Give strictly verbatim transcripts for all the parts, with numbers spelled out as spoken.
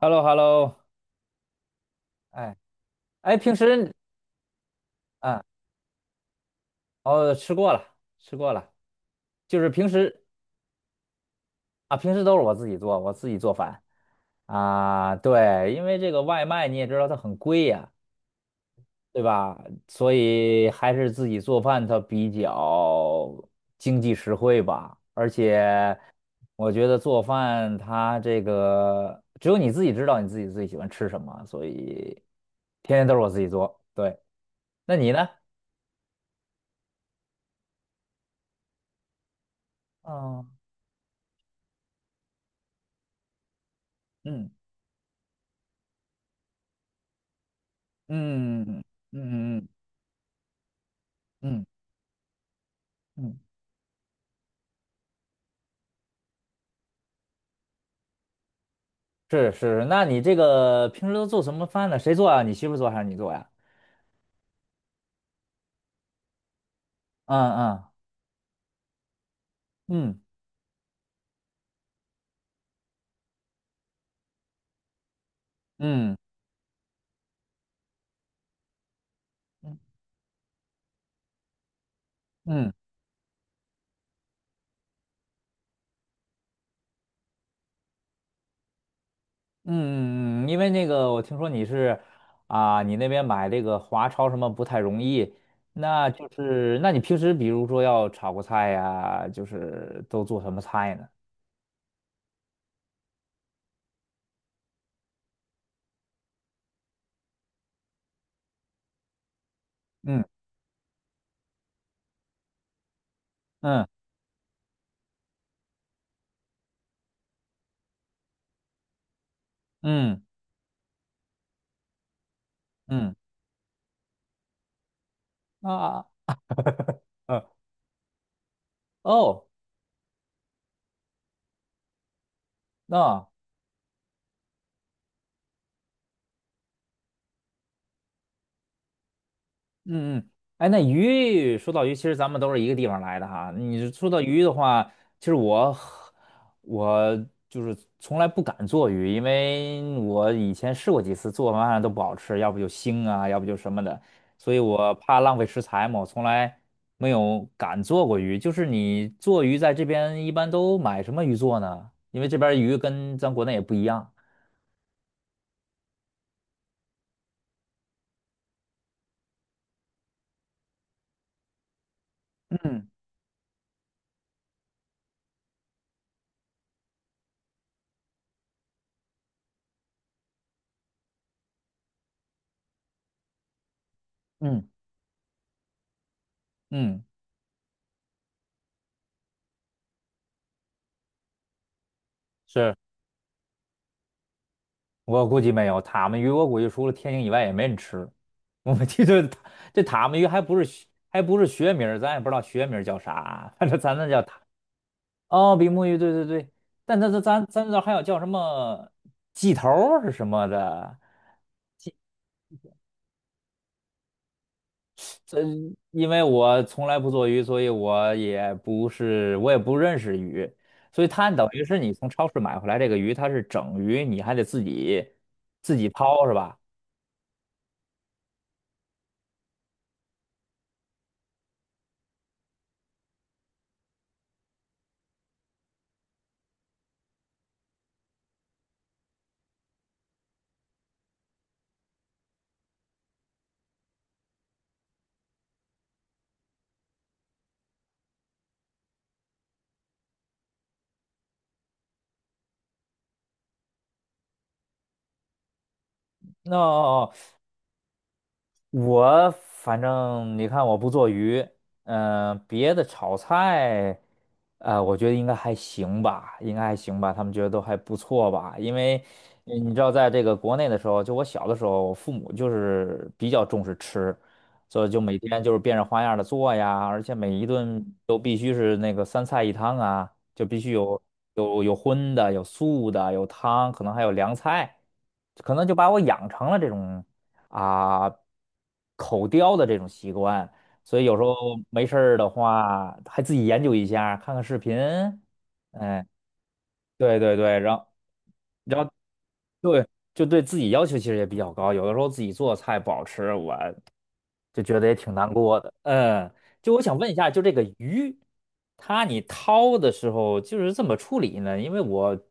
h e l l o h e l l o 哎哎，平时啊，哦，吃过了，吃过了，就是平时啊，平时都是我自己做，我自己做饭啊，对，因为这个外卖你也知道它很贵呀，对吧？所以还是自己做饭它比较经济实惠吧，而且我觉得做饭它这个只有你自己知道你自己最喜欢吃什么，所以天天都是我自己做。对，那你呢？嗯嗯。嗯嗯嗯嗯，嗯是是是，那你这个平时都做什么饭呢？谁做啊？你媳妇做还是你做呀？嗯嗯嗯嗯嗯嗯嗯，嗯因为那个我听说你是啊，你那边买这个华超什么不太容易，那就是那你平时比如说要炒个菜呀，就是都做什么菜呢？嗯嗯嗯嗯啊啊呃哦那。嗯嗯，哎，那鱼说到鱼，其实咱们都是一个地方来的哈。你说到鱼的话，其实我很我就是从来不敢做鱼，因为我以前试过几次，做完都不好吃，要不就腥啊，要不就什么的，所以我怕浪费食材嘛，我从来没有敢做过鱼。就是你做鱼在这边一般都买什么鱼做呢？因为这边鱼跟咱国内也不一样。嗯嗯嗯，是。我估计没有塔目鱼，我估计除了天津以外也没人吃。我们这这这塔目鱼还不是学还不是学名儿咱也不知道学名儿叫啥，反正咱那叫塔，哦，比目鱼，对对对。但咱咱咱咱这还有叫什么鸡头儿是什么的？这因为我从来不做鱼，所以我也不是我也不认识鱼，所以它等于是你从超市买回来这个鱼，它是整鱼，你还得自己自己抛是吧？那我反正你看，我不做鱼，嗯、别的炒菜，呃，我觉得应该还行吧，应该还行吧，他们觉得都还不错吧，因为呃你知道，在这个国内的时候，就我小的时候，我父母就是比较重视吃，所以就每天就是变着花样的做呀，而且每一顿都必须是那个三菜一汤啊，就必须有有有荤的，有素的，有汤，可能还有凉菜，可能就把我养成了这种。啊、口叼的这种习惯，所以有时候没事儿的话，还自己研究一下，看看视频。哎，对对对，然后然后对，就对自己要求其实也比较高，有的时候自己做菜不好吃，我就觉得也挺难过的。嗯，就我想问一下，就这个鱼，它你掏的时候就是怎么处理呢？因为我是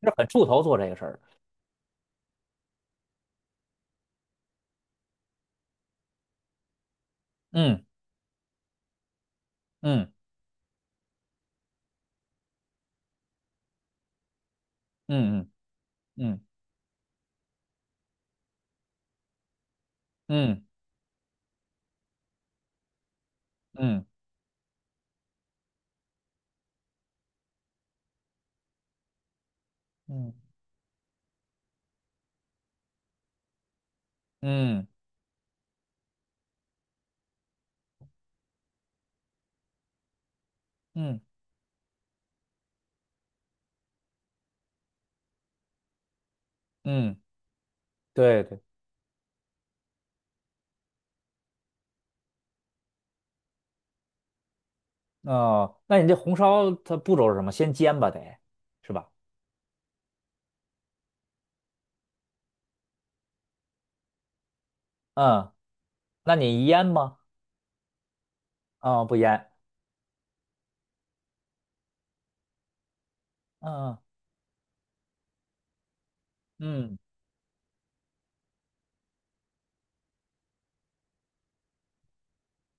很怵头做这个事儿。嗯嗯嗯嗯嗯嗯嗯嗯。嗯嗯嗯，对对，哦，那你这红烧它步骤是什么？先煎吧，得是吧？嗯，那你腌吗？啊、不腌。嗯嗯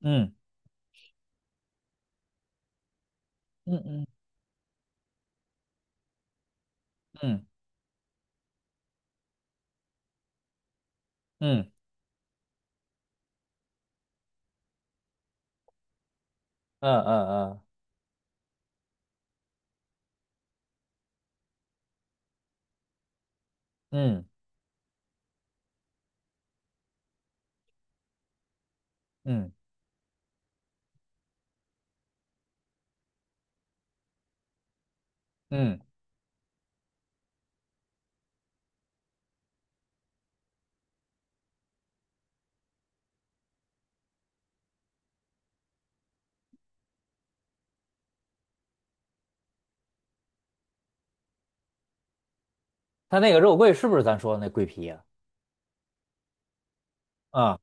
嗯嗯嗯嗯嗯嗯嗯嗯嗯嗯，它那个肉桂是不是咱说的那桂皮呀？嗯，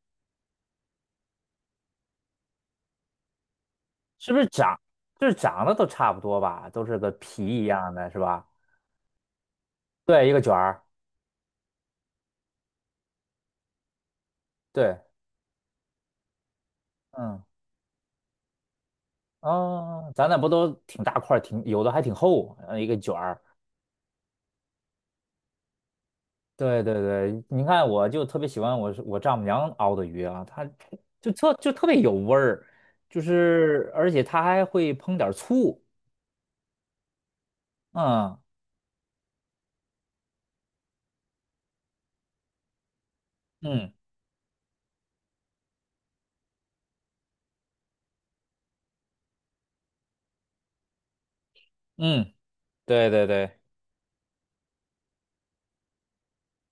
是不是长，就是长得都差不多吧？都是个皮一样的，是吧？对，一个卷儿。对，嗯，哦，咱那不都挺大块儿，挺有的还挺厚，呃一个卷儿。对对对，你看，我就特别喜欢我是我丈母娘熬的鱼啊，它就特就特别有味儿，就是而且它还会烹点儿醋，嗯嗯嗯，对对对，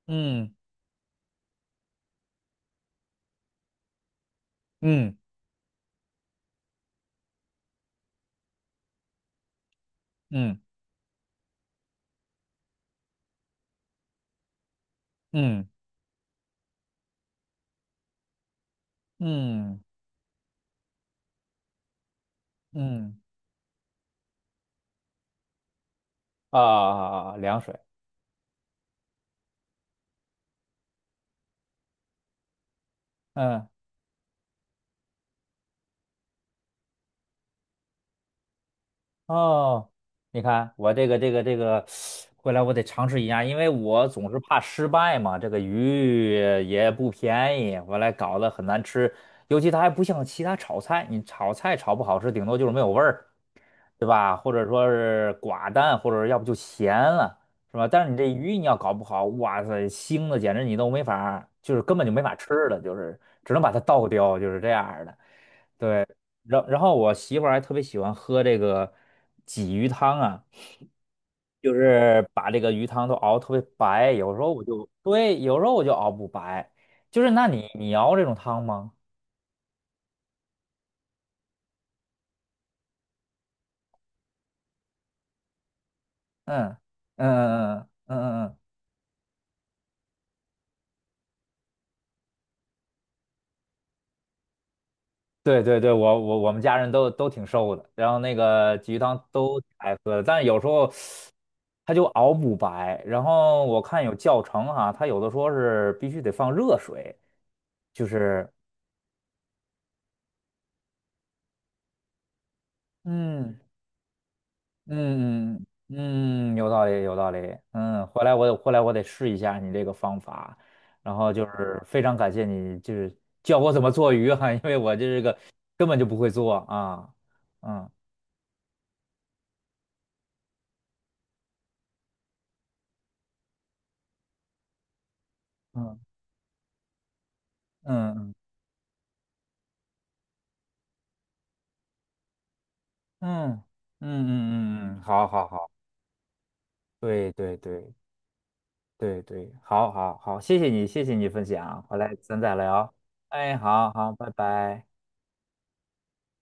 嗯嗯嗯嗯嗯嗯嗯啊，啊啊啊凉水，嗯。哦，你看我这个这个这个，回来我得尝试一下，因为我总是怕失败嘛。这个鱼也不便宜，回来搞得很难吃，尤其它还不像其他炒菜，你炒菜炒不好吃，顶多就是没有味儿，对吧？或者说是寡淡，或者要不就咸了，是吧？但是你这鱼你要搞不好，哇塞，腥的简直你都没法儿就是根本就没法吃了，就是只能把它倒掉，就是这样儿的。对，然然后我媳妇儿还特别喜欢喝这个鲫鱼汤啊，就是把这个鱼汤都熬特别白，有时候我就对，有时候我就熬不白，就是那你你熬这种汤吗？嗯嗯嗯嗯嗯嗯嗯，对对对，我我我们家人都都挺瘦的，然后那个鲫鱼汤都挺爱喝的，但是有时候它就熬不白，然后我看有教程哈、它有的说是必须得放热水，就是嗯。嗯嗯嗯，有道理，有道理。嗯，回来我得回来我得试一下你这个方法，然后就是非常感谢你，就是教我怎么做鱼哈，因为我这个根本就不会做啊。嗯嗯嗯嗯嗯嗯嗯嗯，嗯好好好，对对对对对，好好好，谢谢你，谢谢你分享，回来咱再聊。哎，好好，拜拜。